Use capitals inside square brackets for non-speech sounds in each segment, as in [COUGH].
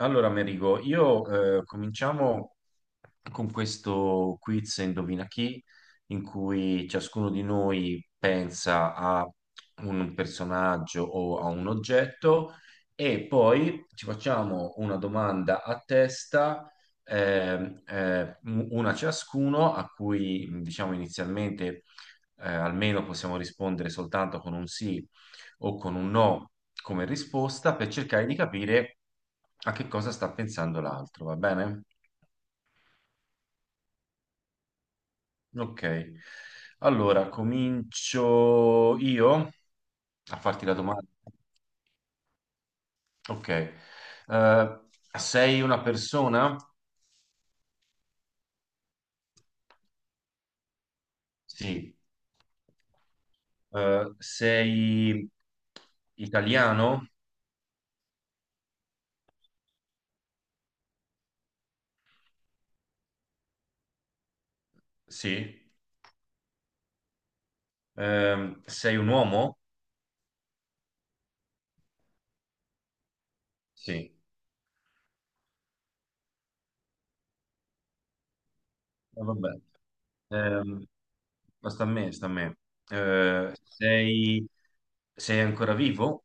Allora, Merigo, io cominciamo con questo quiz Indovina chi, in cui ciascuno di noi pensa a un personaggio o a un oggetto e poi ci facciamo una domanda a testa, una ciascuno, a cui diciamo inizialmente almeno possiamo rispondere soltanto con un sì o con un no come risposta per cercare di capire a che cosa sta pensando l'altro, va bene? Ok. Allora, comincio io a farti la domanda. Ok. Sei una persona? Sì. Sei italiano? Sì. Sei un uomo? Sì. Vabbè. Ehm, ma sta a me, sta a me. Eh, sei, Sei ancora vivo?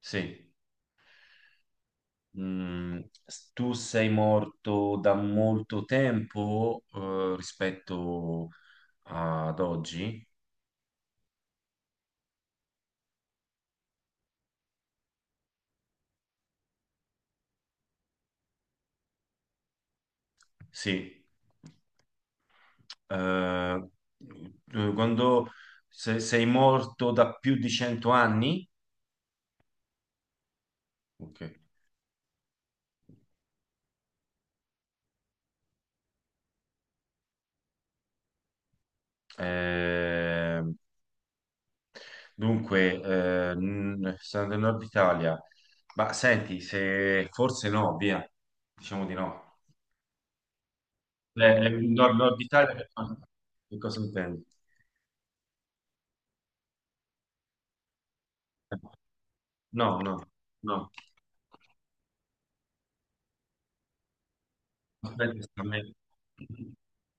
Sì. Mm, tu sei morto da molto tempo, rispetto ad oggi? Sì. Eh, tu- quando se- sei morto da più di 100 anni? Ok. Eh, dunque, sono del Nord Italia, ma senti, se forse no, via, diciamo di no. Il Nord Italia, che cosa intendi? No, no, no. Aspetta, sta a me.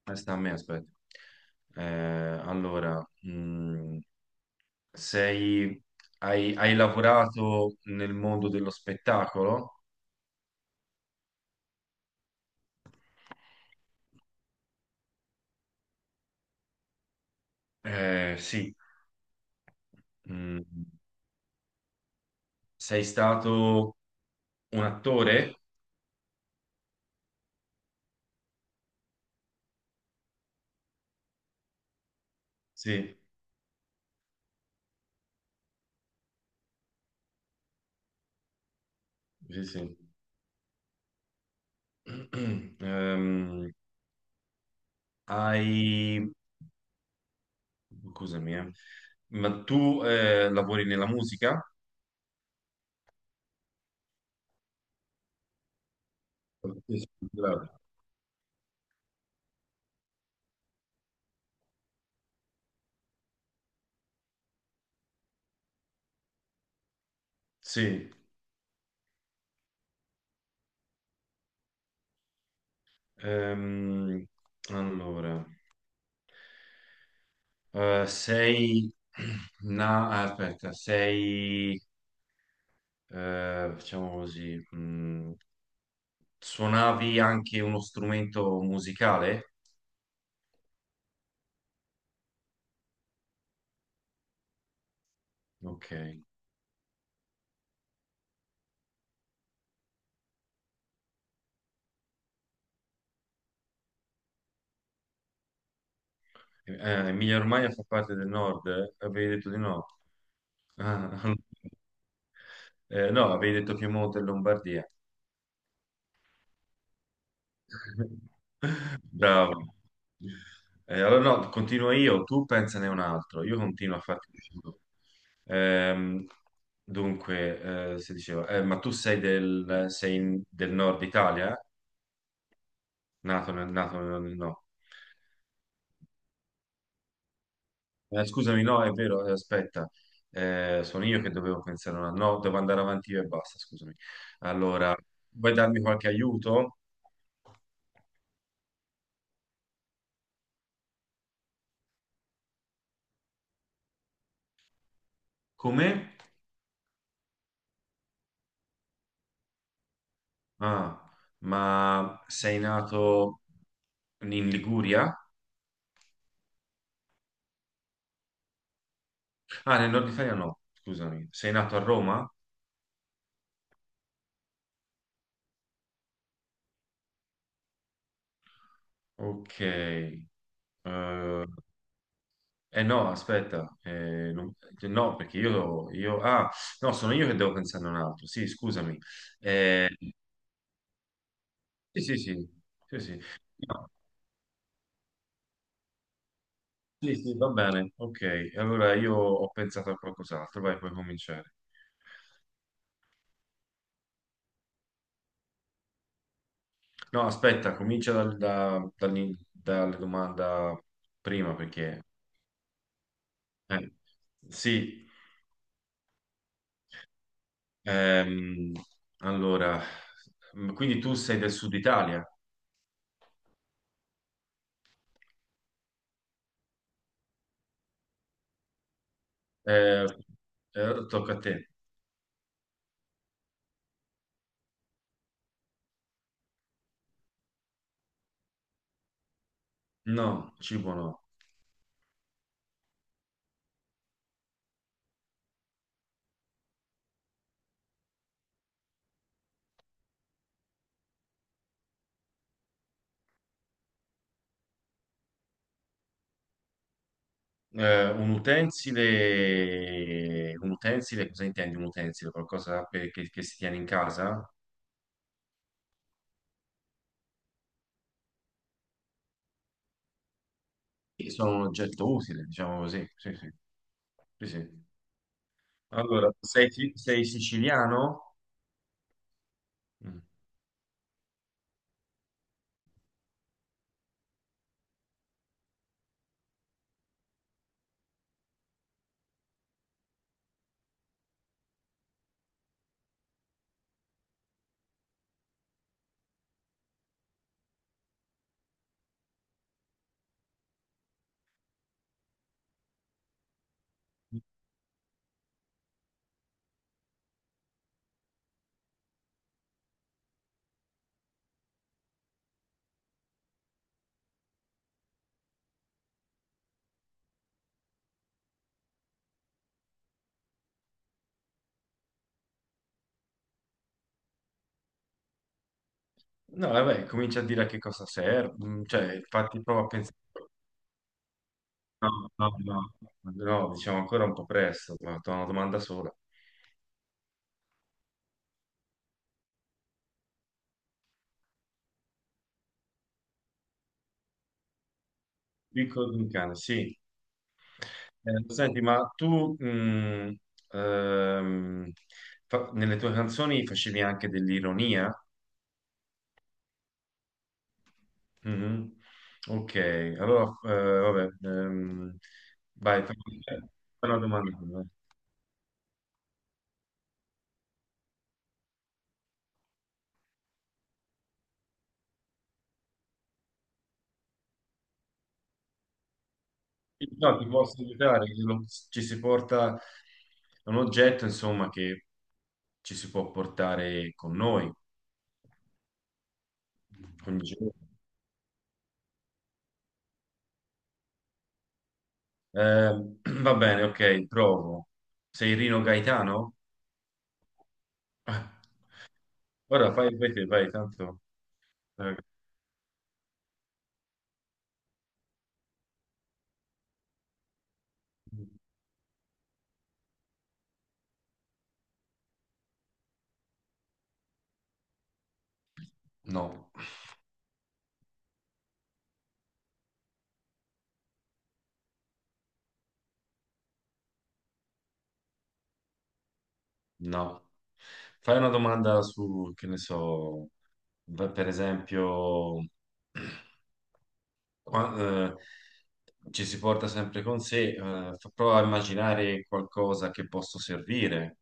Sta a me, aspetta. Eh, allora, mh, sei, Hai lavorato nel mondo dello spettacolo? Sì. Mm, sei stato un attore? Sì, sì, sì. [CLEARS THROAT] Ehm, hai... Scusami, eh. Ma tu lavori nella musica? Sì, sì. Ehm, allora, eh, sei... [CLEARS THROAT] No, aspetta, sei... Facciamo così. Mm, suonavi anche uno strumento musicale? Ok. Emilia Romagna fa parte del nord? Eh? Avevi detto di no? Ah, [LAUGHS] no, avevi detto Piemonte e Lombardia. [LAUGHS] Bravo. Allora no, continuo io, tu pensane un altro, io continuo a farti questo. Ehm, dunque, si diceva, ma tu sei del, sei in- del nord Italia? No. Scusami, no, è vero, aspetta, eh, sono io che dovevo pensare una... No, devo andare avanti io e basta, scusami. Allora, vuoi darmi qualche aiuto? Come? Ah, ma sei nato in Liguria? Ah, nel nord Italia no, scusami. Sei nato a Roma? Ok. Eh, no, aspetta. No, perché io... Ah, no, sono io che devo pensare a un altro. Sì, scusami. Eh, sì, sì, sì. Sì, sì. No, sì, sì, va bene. Ok, allora io ho pensato a qualcos'altro. Vai, puoi cominciare. No, aspetta, comincia dal- da- dall'in- dalla domanda prima perché... eh, sì, ehm, allora, quindi tu sei del sud Italia? Eh, tocca a te. No, cibo no. Un utensile, cosa intendi un utensile? Che si tiene in casa? Sì, sono un oggetto utile, diciamo così. Sì, sì, sì, sì. Allora, sei, Sei siciliano? Mm. No, vabbè, comincia a dire a che cosa serve, mm, cioè, infatti prova a pensare, no, no, no, no, diciamo ancora un po' presto, ma ho una domanda sola. Piccolo di un cane, sì. Senti, ma ehm, nelle tue canzoni facevi anche dell'ironia? Mhm. Ok, allora, vabbè, vai, fai una domanda. No, ti posso aiutare, ci si porta un oggetto, insomma, che ci si può portare con noi ogni giorno. Eh, [CLEARS THROAT] va bene, ok, provo. Sei Rino Gaetano? [LAUGHS] Ah, ora fai, fai te, vai, tanto. Eh, no, no. Fai una domanda su, che ne so, beh, per esempio... [CLEARS THROAT] qua- ci si porta sempre con sé, fa- prova a immaginare qualcosa che posso servire.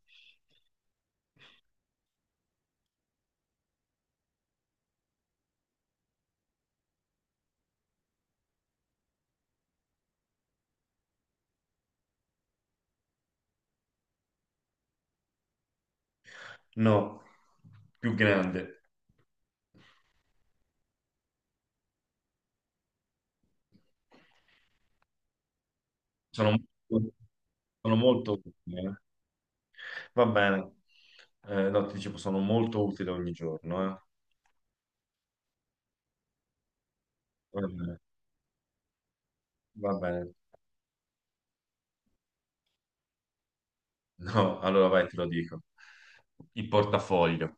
No, più grande. Sono, molto- sono molto utile. Eh. Va bene. No, ti dicevo, sono molto utile ogni giorno. Eh. Va bene. Va bene. No, allora vai, te lo dico. Il portafoglio.